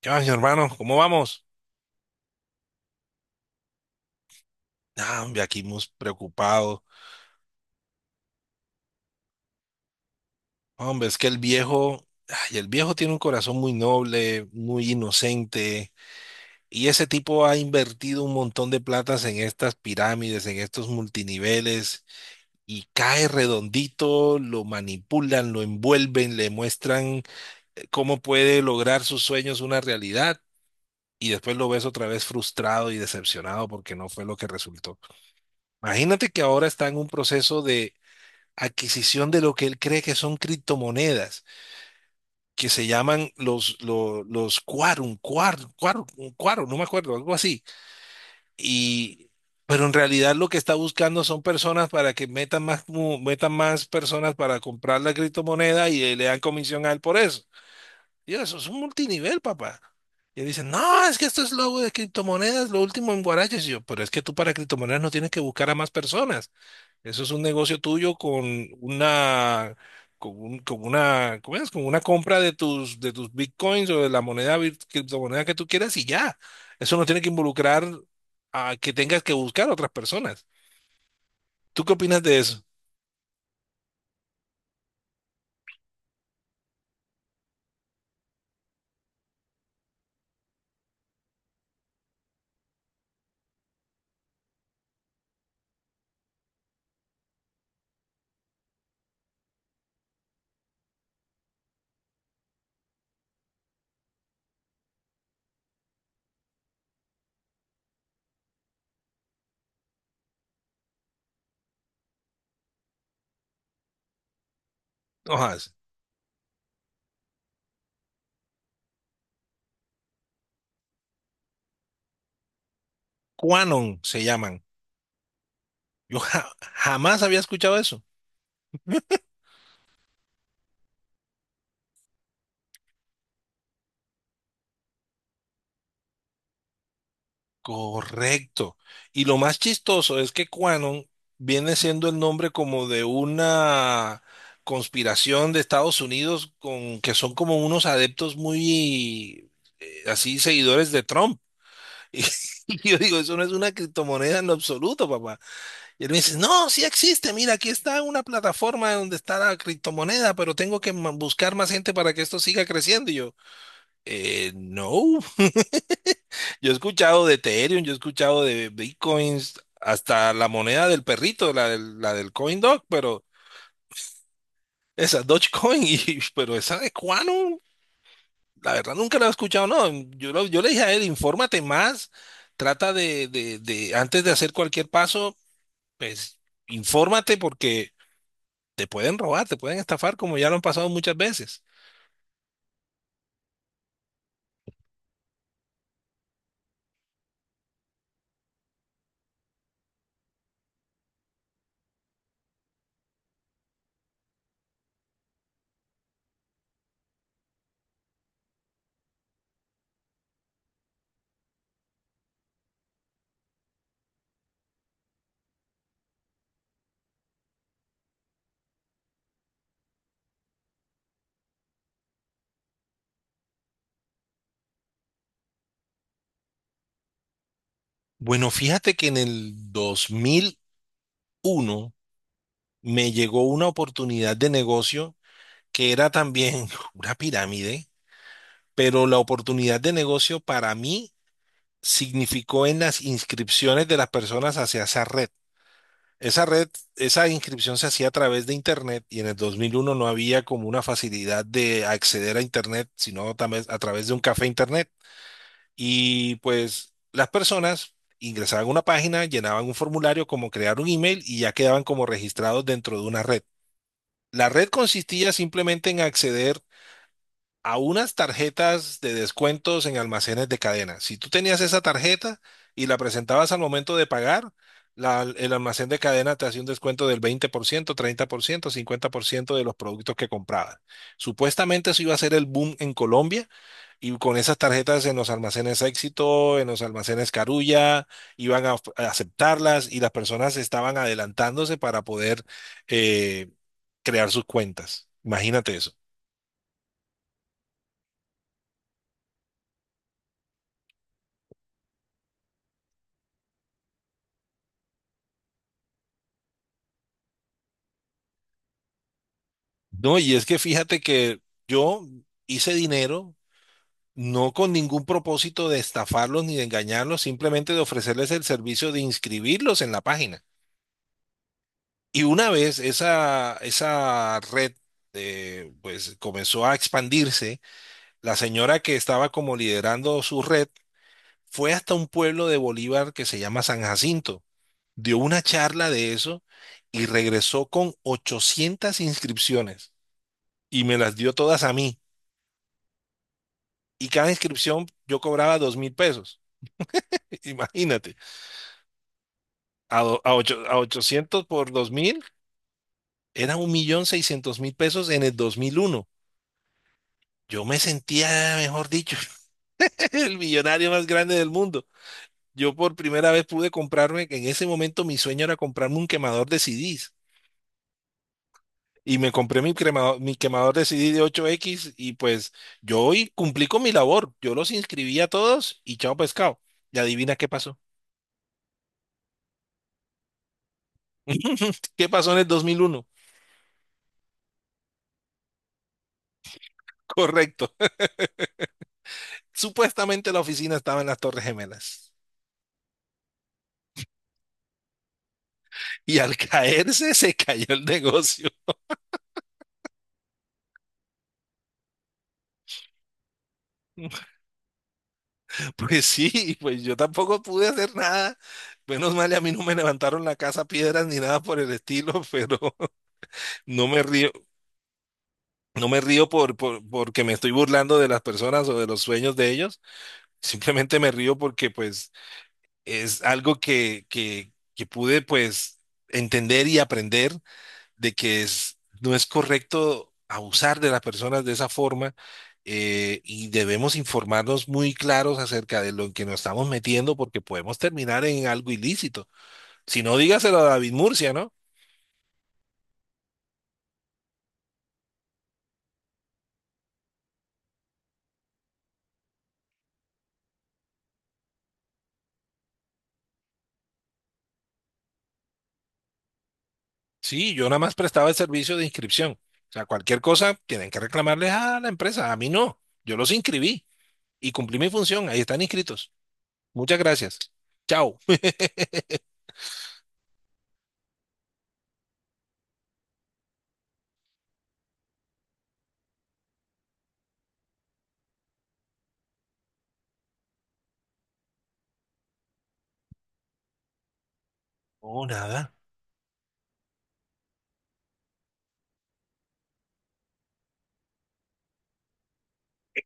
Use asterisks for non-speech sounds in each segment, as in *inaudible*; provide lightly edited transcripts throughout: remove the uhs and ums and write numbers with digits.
¿Qué más, mi hermano? ¿Cómo vamos? Ah, hombre, aquí muy preocupados. Hombre, es que el viejo, ay, el viejo tiene un corazón muy noble, muy inocente, y ese tipo ha invertido un montón de platas en estas pirámides, en estos multiniveles, y cae redondito, lo manipulan, lo envuelven, le muestran cómo puede lograr sus sueños una realidad. Y después lo ves otra vez frustrado y decepcionado porque no fue lo que resultó. Imagínate que ahora está en un proceso adquisición de lo que él cree que son criptomonedas, que se llaman los Quarum, no me acuerdo, algo así. Y, pero en realidad lo que está buscando son personas para que metan más, metan más personas para comprar la criptomoneda y le dan comisión a él por eso. Y yo, eso es un multinivel, papá. Y él dice no, es que esto es lo de criptomonedas, lo último en Guaraches. Y yo, pero es que tú para criptomonedas no tienes que buscar a más personas. Eso es un negocio tuyo con una, con una, ¿cómo es? Con una compra de tus bitcoins o de la moneda, criptomoneda que tú quieras y ya. Eso no tiene que involucrar a que tengas que buscar a otras personas. ¿Tú qué opinas de eso? Ojas, Quanon se llaman. Yo jamás había escuchado eso. Correcto. Y lo más chistoso es que Quanon viene siendo el nombre como de una conspiración de Estados Unidos con que son como unos adeptos muy así seguidores de Trump. *laughs* Y, yo digo, eso no es una criptomoneda en lo absoluto, papá. Y él me dice, no, sí existe, mira, aquí está una plataforma donde está la criptomoneda, pero tengo que buscar más gente para que esto siga creciendo. Y yo, no. Yo he escuchado de Ethereum, yo he escuchado de Bitcoins, hasta la moneda del perrito, la del CoinDog, pero esa Dogecoin, *laughs* y, pero esa de Quantum, la verdad nunca la he escuchado, no. Yo le dije a él, infórmate más, trata de, antes de hacer cualquier paso, pues infórmate porque te pueden robar, te pueden estafar, como ya lo han pasado muchas veces. Bueno, fíjate que en el 2001 me llegó una oportunidad de negocio que era también *laughs* una pirámide, pero la oportunidad de negocio para mí significó en las inscripciones de las personas hacia esa red. Esa red, esa inscripción se hacía a través de Internet y en el 2001 no había como una facilidad de acceder a Internet, sino también a través de un café Internet. Y pues las personas ingresaban a una página, llenaban un formulario como crear un email y ya quedaban como registrados dentro de una red. La red consistía simplemente en acceder a unas tarjetas de descuentos en almacenes de cadena. Si tú tenías esa tarjeta y la presentabas al momento de pagar, el almacén de cadena te hacía un descuento del veinte por ciento, ciento, 30%, 50% de los productos que comprabas. Supuestamente eso iba a ser el boom en Colombia y con esas tarjetas en los almacenes Éxito, en los almacenes Carulla, iban a, a aceptarlas y las personas estaban adelantándose para poder eh, crear sus cuentas. Imagínate eso. No, y es que fíjate que yo hice dinero no con ningún propósito de estafarlos ni de engañarlos, simplemente de ofrecerles el servicio de inscribirlos en la página. Y una vez esa red pues comenzó a expandirse, la señora que estaba como liderando su red fue hasta un pueblo de Bolívar que se llama San Jacinto, dio una charla de eso y regresó con 800 inscripciones y me las dio todas a mí. Y cada inscripción yo cobraba 2.000 pesos. *laughs* Imagínate, a 800 por 2.000 era 1.600.000 pesos en el 2001. Yo me sentía, mejor dicho, *laughs* el millonario más grande del mundo. Yo por primera vez pude comprarme, que en ese momento mi sueño era comprarme un quemador de CDs. Y me compré mi quemador de CD de 8x y pues yo hoy cumplí con mi labor. Yo los inscribí a todos y chao pescado. Y adivina qué pasó. *laughs* ¿Qué pasó en el 2001? Correcto. Supuestamente la oficina estaba en las Torres Gemelas. Y al caerse se cayó el negocio. *laughs* Pues sí, pues yo tampoco pude hacer nada. Menos mal, y a mí no me levantaron la casa a piedras ni nada por el estilo, pero *laughs* no me río, no me río porque me estoy burlando de las personas o de los sueños de ellos. Simplemente me río porque pues es algo que pude pues entender y aprender de que no es correcto abusar de las personas de esa forma y debemos informarnos muy claros acerca de lo en que nos estamos metiendo porque podemos terminar en algo ilícito. Si no, dígaselo a David Murcia, ¿no? Sí, yo nada más prestaba el servicio de inscripción. O sea, cualquier cosa tienen que reclamarles a la empresa, a mí no. Yo los inscribí y cumplí mi función, ahí están inscritos. Muchas gracias. Chao. *laughs* Oh, nada.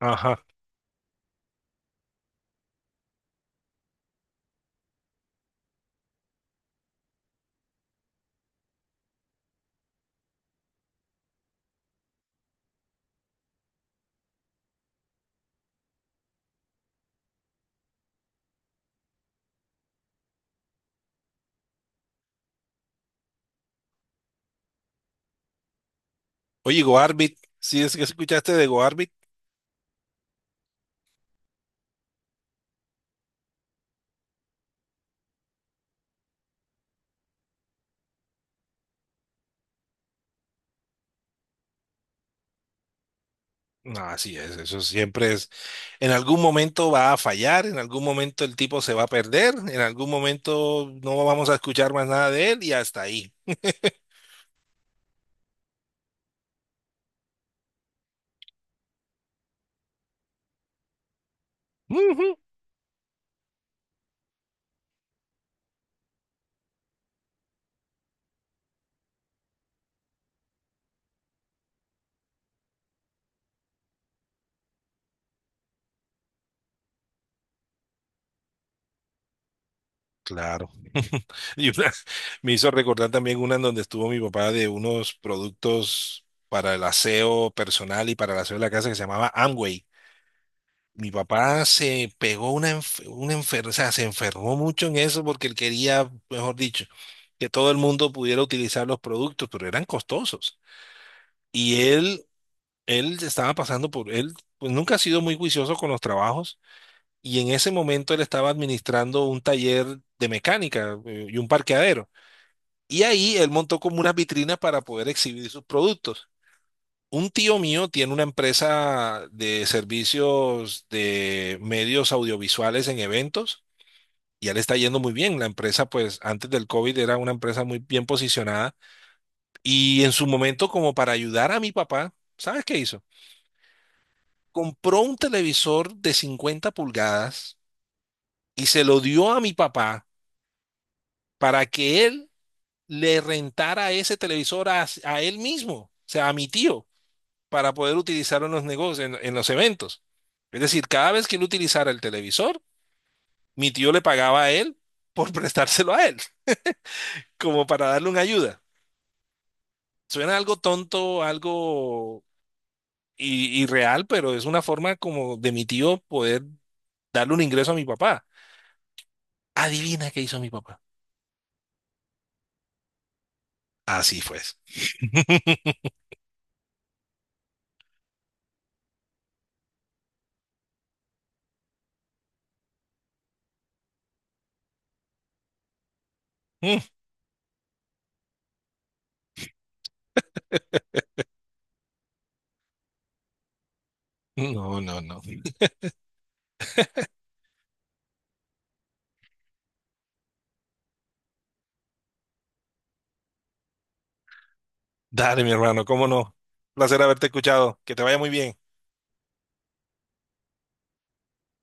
Ajá. Oye, GoArbit, ¿sí es que escuchaste de GoArbit? No, así es, eso siempre es, en algún momento va a fallar, en algún momento el tipo se va a perder, en algún momento no vamos a escuchar más nada de él y hasta ahí. Ujú. Claro. Y una- *laughs* me hizo recordar también una en donde estuvo mi papá de unos productos para el aseo personal y para el aseo de la casa que se llamaba Amway. Mi papá se pegó una, o sea, se enfermó mucho en eso porque él quería, mejor dicho, que todo el mundo pudiera utilizar los productos, pero eran costosos. Y él estaba pasando por, él pues nunca ha sido muy juicioso con los trabajos y en ese momento él estaba administrando un taller de mecánica y un parqueadero. Y ahí él montó como unas vitrinas para poder exhibir sus productos. Un tío mío tiene una empresa de servicios de medios audiovisuales en eventos y ya le está yendo muy bien. La empresa, pues antes del COVID era una empresa muy bien posicionada y en su momento como para ayudar a mi papá, ¿sabes qué hizo? Compró un televisor de 50 pulgadas y se lo dio a mi papá para que él le rentara ese televisor a él mismo, o sea, a mi tío, para poder utilizarlo en los negocios, en los eventos. Es decir, cada vez que él utilizara el televisor, mi tío le pagaba a él por *laughs* prestárselo a él, como para darle una ayuda. Suena algo tonto, algo irreal, pero es una forma como de mi tío poder darle un ingreso a mi papá. Adivina qué hizo mi papá. Así fue. *laughs* No, no, no. Dale, mi hermano, cómo no. Placer haberte escuchado. Que te vaya muy bien.